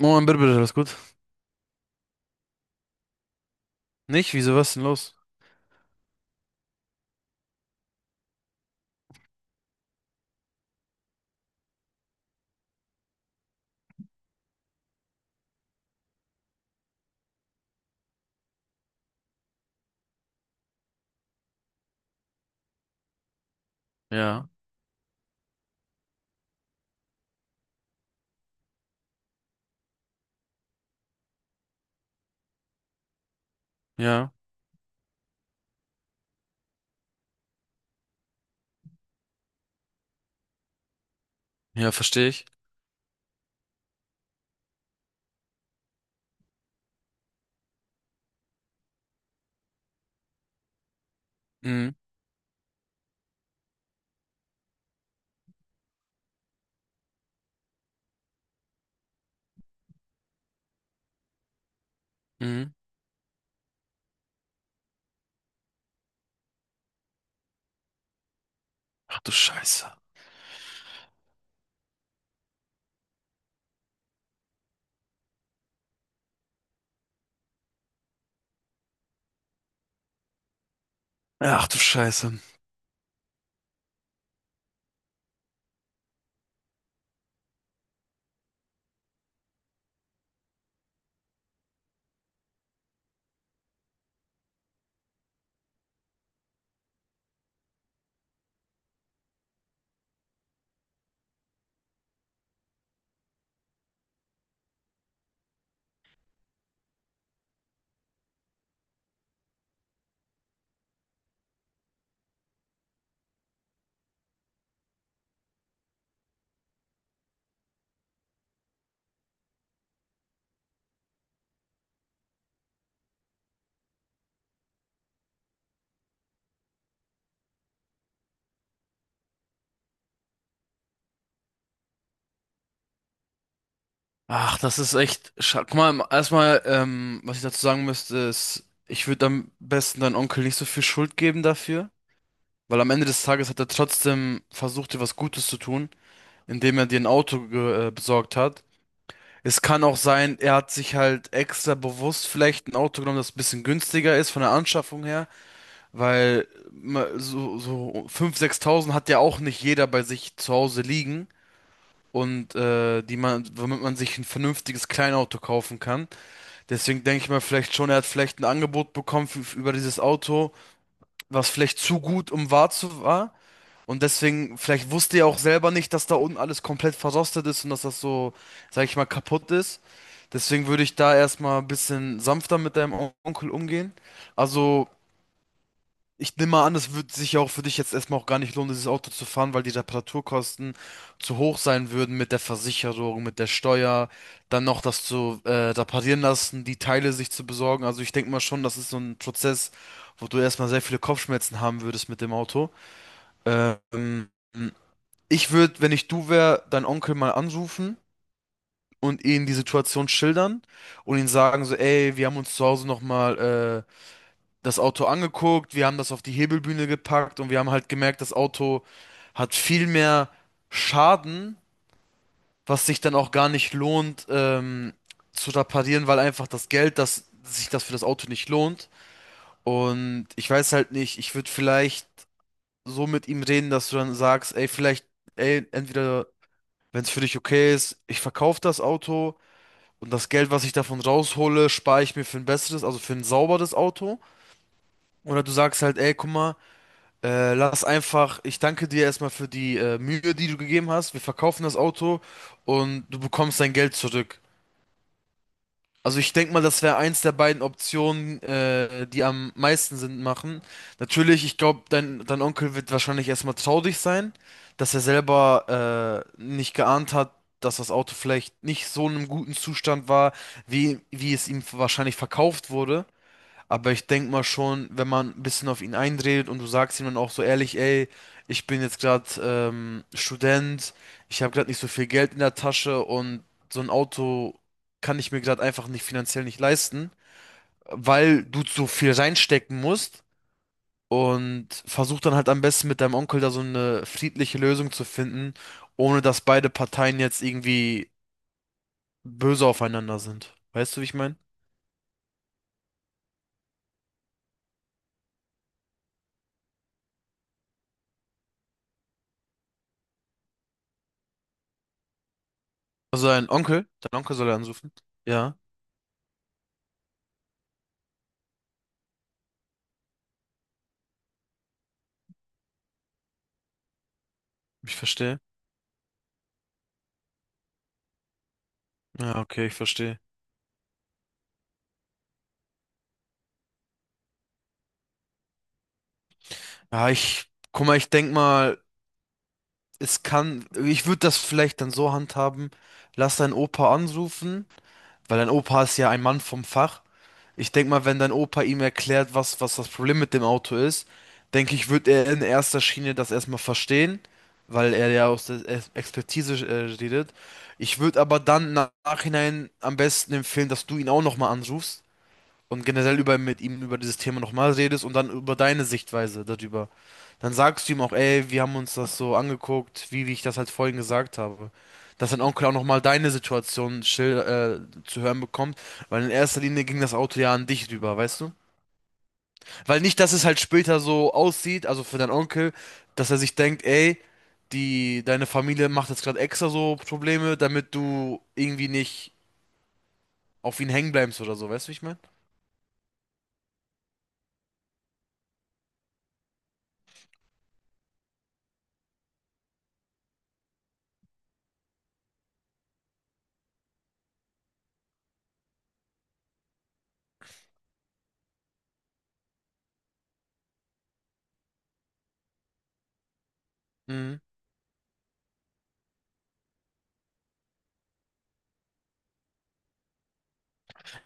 Moment, bitte, bitte, alles gut? Nicht? Wieso, was ist denn los? Ja, ja, ja, verstehe ich. Mhm, mhm. Ach du Scheiße. Ach du Scheiße. Ach, das ist echt. Guck mal, erstmal, was ich dazu sagen müsste, ist, ich würde am besten deinem Onkel nicht so viel Schuld geben dafür, weil am Ende des Tages hat er trotzdem versucht, dir was Gutes zu tun, indem er dir ein Auto besorgt hat. Es kann auch sein, er hat sich halt extra bewusst vielleicht ein Auto genommen, das ein bisschen günstiger ist von der Anschaffung her. Weil so 5.000, 6.000 hat ja auch nicht jeder bei sich zu Hause liegen. Und die man, womit man sich ein vernünftiges Kleinauto kaufen kann. Deswegen denke ich mal vielleicht schon, er hat vielleicht ein Angebot bekommen für, über dieses Auto, was vielleicht zu gut, um wahr zu war. Und deswegen, vielleicht wusste er auch selber nicht, dass da unten alles komplett verrostet ist und dass das so, sag ich mal, kaputt ist. Deswegen würde ich da erstmal ein bisschen sanfter mit deinem Onkel umgehen. Also, ich nehme mal an, es würde sich ja auch für dich jetzt erstmal auch gar nicht lohnen, dieses Auto zu fahren, weil die Reparaturkosten zu hoch sein würden mit der Versicherung, mit der Steuer, dann noch das zu reparieren lassen, die Teile sich zu besorgen. Also ich denke mal schon, das ist so ein Prozess, wo du erstmal sehr viele Kopfschmerzen haben würdest mit dem Auto. Ähm, ich würde, wenn ich du wäre, deinen Onkel mal anrufen und ihn die Situation schildern und ihn sagen so, ey, wir haben uns zu Hause nochmal das Auto angeguckt, wir haben das auf die Hebelbühne gepackt und wir haben halt gemerkt, das Auto hat viel mehr Schaden, was sich dann auch gar nicht lohnt, zu reparieren, weil einfach das Geld, das sich das für das Auto nicht lohnt. Und ich weiß halt nicht, ich würde vielleicht so mit ihm reden, dass du dann sagst, ey, vielleicht, ey, entweder, wenn es für dich okay ist, ich verkaufe das Auto und das Geld, was ich davon raushole, spare ich mir für ein besseres, also für ein sauberes Auto. Oder du sagst halt, ey, guck mal, lass einfach, ich danke dir erstmal für die Mühe, die du gegeben hast. Wir verkaufen das Auto und du bekommst dein Geld zurück. Also ich denke mal, das wäre eins der beiden Optionen, die am meisten Sinn machen. Natürlich, ich glaube, dein Onkel wird wahrscheinlich erstmal traurig sein, dass er selber nicht geahnt hat, dass das Auto vielleicht nicht so in einem guten Zustand war, wie es ihm wahrscheinlich verkauft wurde. Aber ich denke mal schon, wenn man ein bisschen auf ihn einredet und du sagst ihm dann auch so ehrlich, ey, ich bin jetzt gerade Student, ich habe gerade nicht so viel Geld in der Tasche und so ein Auto kann ich mir gerade einfach nicht finanziell nicht leisten, weil du so viel reinstecken musst. Und versuch dann halt am besten mit deinem Onkel da so eine friedliche Lösung zu finden, ohne dass beide Parteien jetzt irgendwie böse aufeinander sind. Weißt du, wie ich meine? Also dein Onkel soll er anrufen. Ja, ich verstehe. Ja, okay, ich verstehe. Ja, guck mal, ich denk mal, es kann, ich würde das vielleicht dann so handhaben, lass deinen Opa anrufen, weil dein Opa ist ja ein Mann vom Fach. Ich denk mal, wenn dein Opa ihm erklärt, was das Problem mit dem Auto ist, denke ich, wird er in erster Schiene das erstmal verstehen, weil er ja aus der Expertise redet. Ich würde aber dann im Nachhinein am besten empfehlen, dass du ihn auch nochmal anrufst und generell über mit ihm über dieses Thema nochmal redest und dann über deine Sichtweise darüber. Dann sagst du ihm auch, ey, wir haben uns das so angeguckt, wie ich das halt vorhin gesagt habe. Dass dein Onkel auch nochmal deine Situation schil zu hören bekommt, weil in erster Linie ging das Auto ja an dich rüber, weißt du? Weil nicht, dass es halt später so aussieht, also für deinen Onkel, dass er sich denkt, ey, deine Familie macht jetzt gerade extra so Probleme, damit du irgendwie nicht auf ihn hängen bleibst oder so, weißt du, wie ich meine?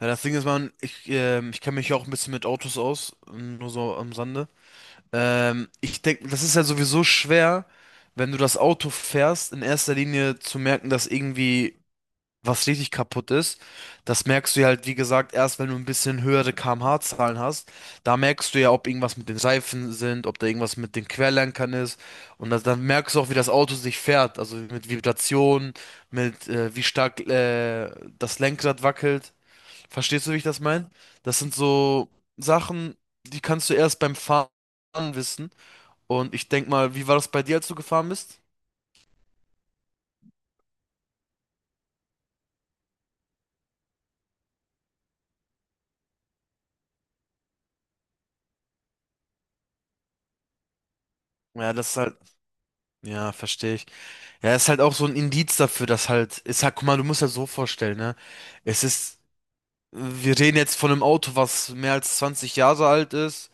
Ja, das Ding ist, ich kenne mich ja auch ein bisschen mit Autos aus, nur so am Sande. Ich denke, das ist ja sowieso schwer, wenn du das Auto fährst, in erster Linie zu merken, dass irgendwie was richtig kaputt ist. Das merkst du ja halt, wie gesagt, erst wenn du ein bisschen höhere kmh-Zahlen hast. Da merkst du ja, ob irgendwas mit den Reifen sind, ob da irgendwas mit den Querlenkern ist. Und das, dann merkst du auch, wie das Auto sich fährt. Also mit Vibrationen, mit wie stark das Lenkrad wackelt. Verstehst du, wie ich das meine? Das sind so Sachen, die kannst du erst beim Fahren wissen. Und ich denk mal, wie war das bei dir, als du gefahren bist? Ja, das ist halt, ja, verstehe ich. Ja, ist halt auch so ein Indiz dafür, dass halt, ist halt, guck mal, du musst ja so vorstellen, ne? Es ist, wir reden jetzt von einem Auto, was mehr als 20 Jahre alt ist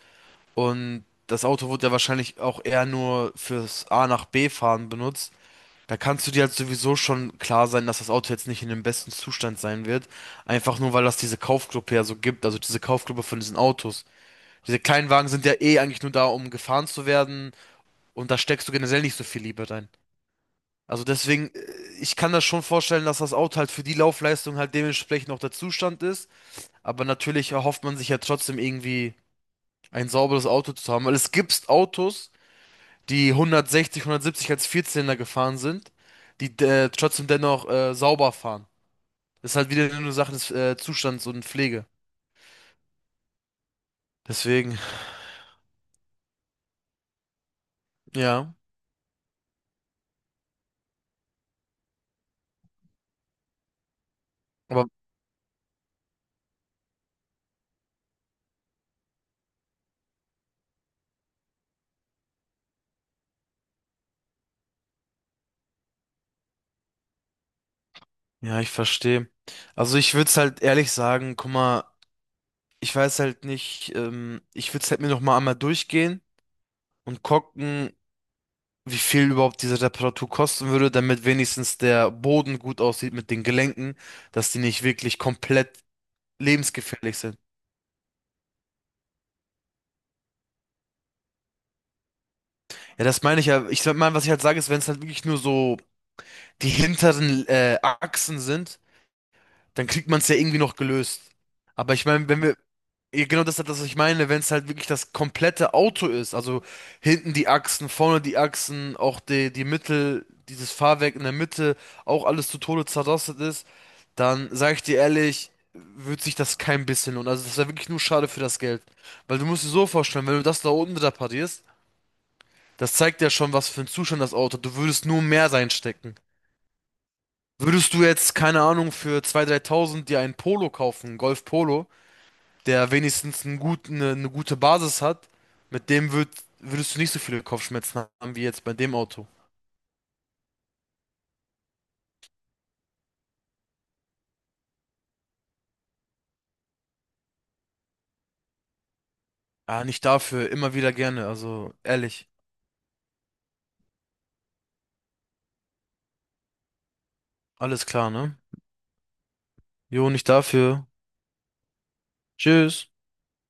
und das Auto wurde ja wahrscheinlich auch eher nur fürs A nach B fahren benutzt. Da kannst du dir halt sowieso schon klar sein, dass das Auto jetzt nicht in dem besten Zustand sein wird. Einfach nur, weil das diese Kaufgruppe ja so gibt, also diese Kaufgruppe von diesen Autos. Diese kleinen Wagen sind ja eh eigentlich nur da, um gefahren zu werden und da steckst du generell nicht so viel Liebe rein. Also deswegen, ich kann das schon vorstellen, dass das Auto halt für die Laufleistung halt dementsprechend auch der Zustand ist. Aber natürlich erhofft man sich ja trotzdem irgendwie ein sauberes Auto zu haben, weil es gibt Autos, die 160, 170 als Vierzylinder gefahren sind, die trotzdem dennoch sauber fahren. Das ist halt wieder nur eine Sache des Zustands und Pflege. Deswegen, ja. Aber ja, ich verstehe. Also ich würde es halt ehrlich sagen, guck mal, ich weiß halt nicht, ich würde es halt mir noch mal einmal durchgehen und gucken, wie viel überhaupt diese Reparatur kosten würde, damit wenigstens der Boden gut aussieht mit den Gelenken, dass die nicht wirklich komplett lebensgefährlich sind. Ja, das meine ich ja. Ich sag mal, was ich halt sage, ist, wenn es halt wirklich nur so die hinteren Achsen sind, dann kriegt man es ja irgendwie noch gelöst. Aber ich meine, wenn wir, ja, genau das ist halt das, was ich meine, wenn es halt wirklich das komplette Auto ist, also hinten die Achsen, vorne die Achsen, auch die Mittel, dieses Fahrwerk in der Mitte, auch alles zu Tode zerrostet ist, dann sage ich dir ehrlich, wird sich das kein bisschen lohnen. Also das wäre wirklich nur schade für das Geld. Weil du musst dir so vorstellen, wenn du das da unten reparierst, das zeigt ja schon, was für einen Zustand das Auto hat. Du würdest nur mehr reinstecken. Würdest du jetzt, keine Ahnung, für 2.000, 3.000 dir einen Polo kaufen, einen Golf Polo, der wenigstens einen guten, eine gute Basis hat, mit dem würd, würdest du nicht so viele Kopfschmerzen haben wie jetzt bei dem Auto. Ah, nicht dafür, immer wieder gerne, also ehrlich. Alles klar, ne? Jo, nicht dafür. Tschüss.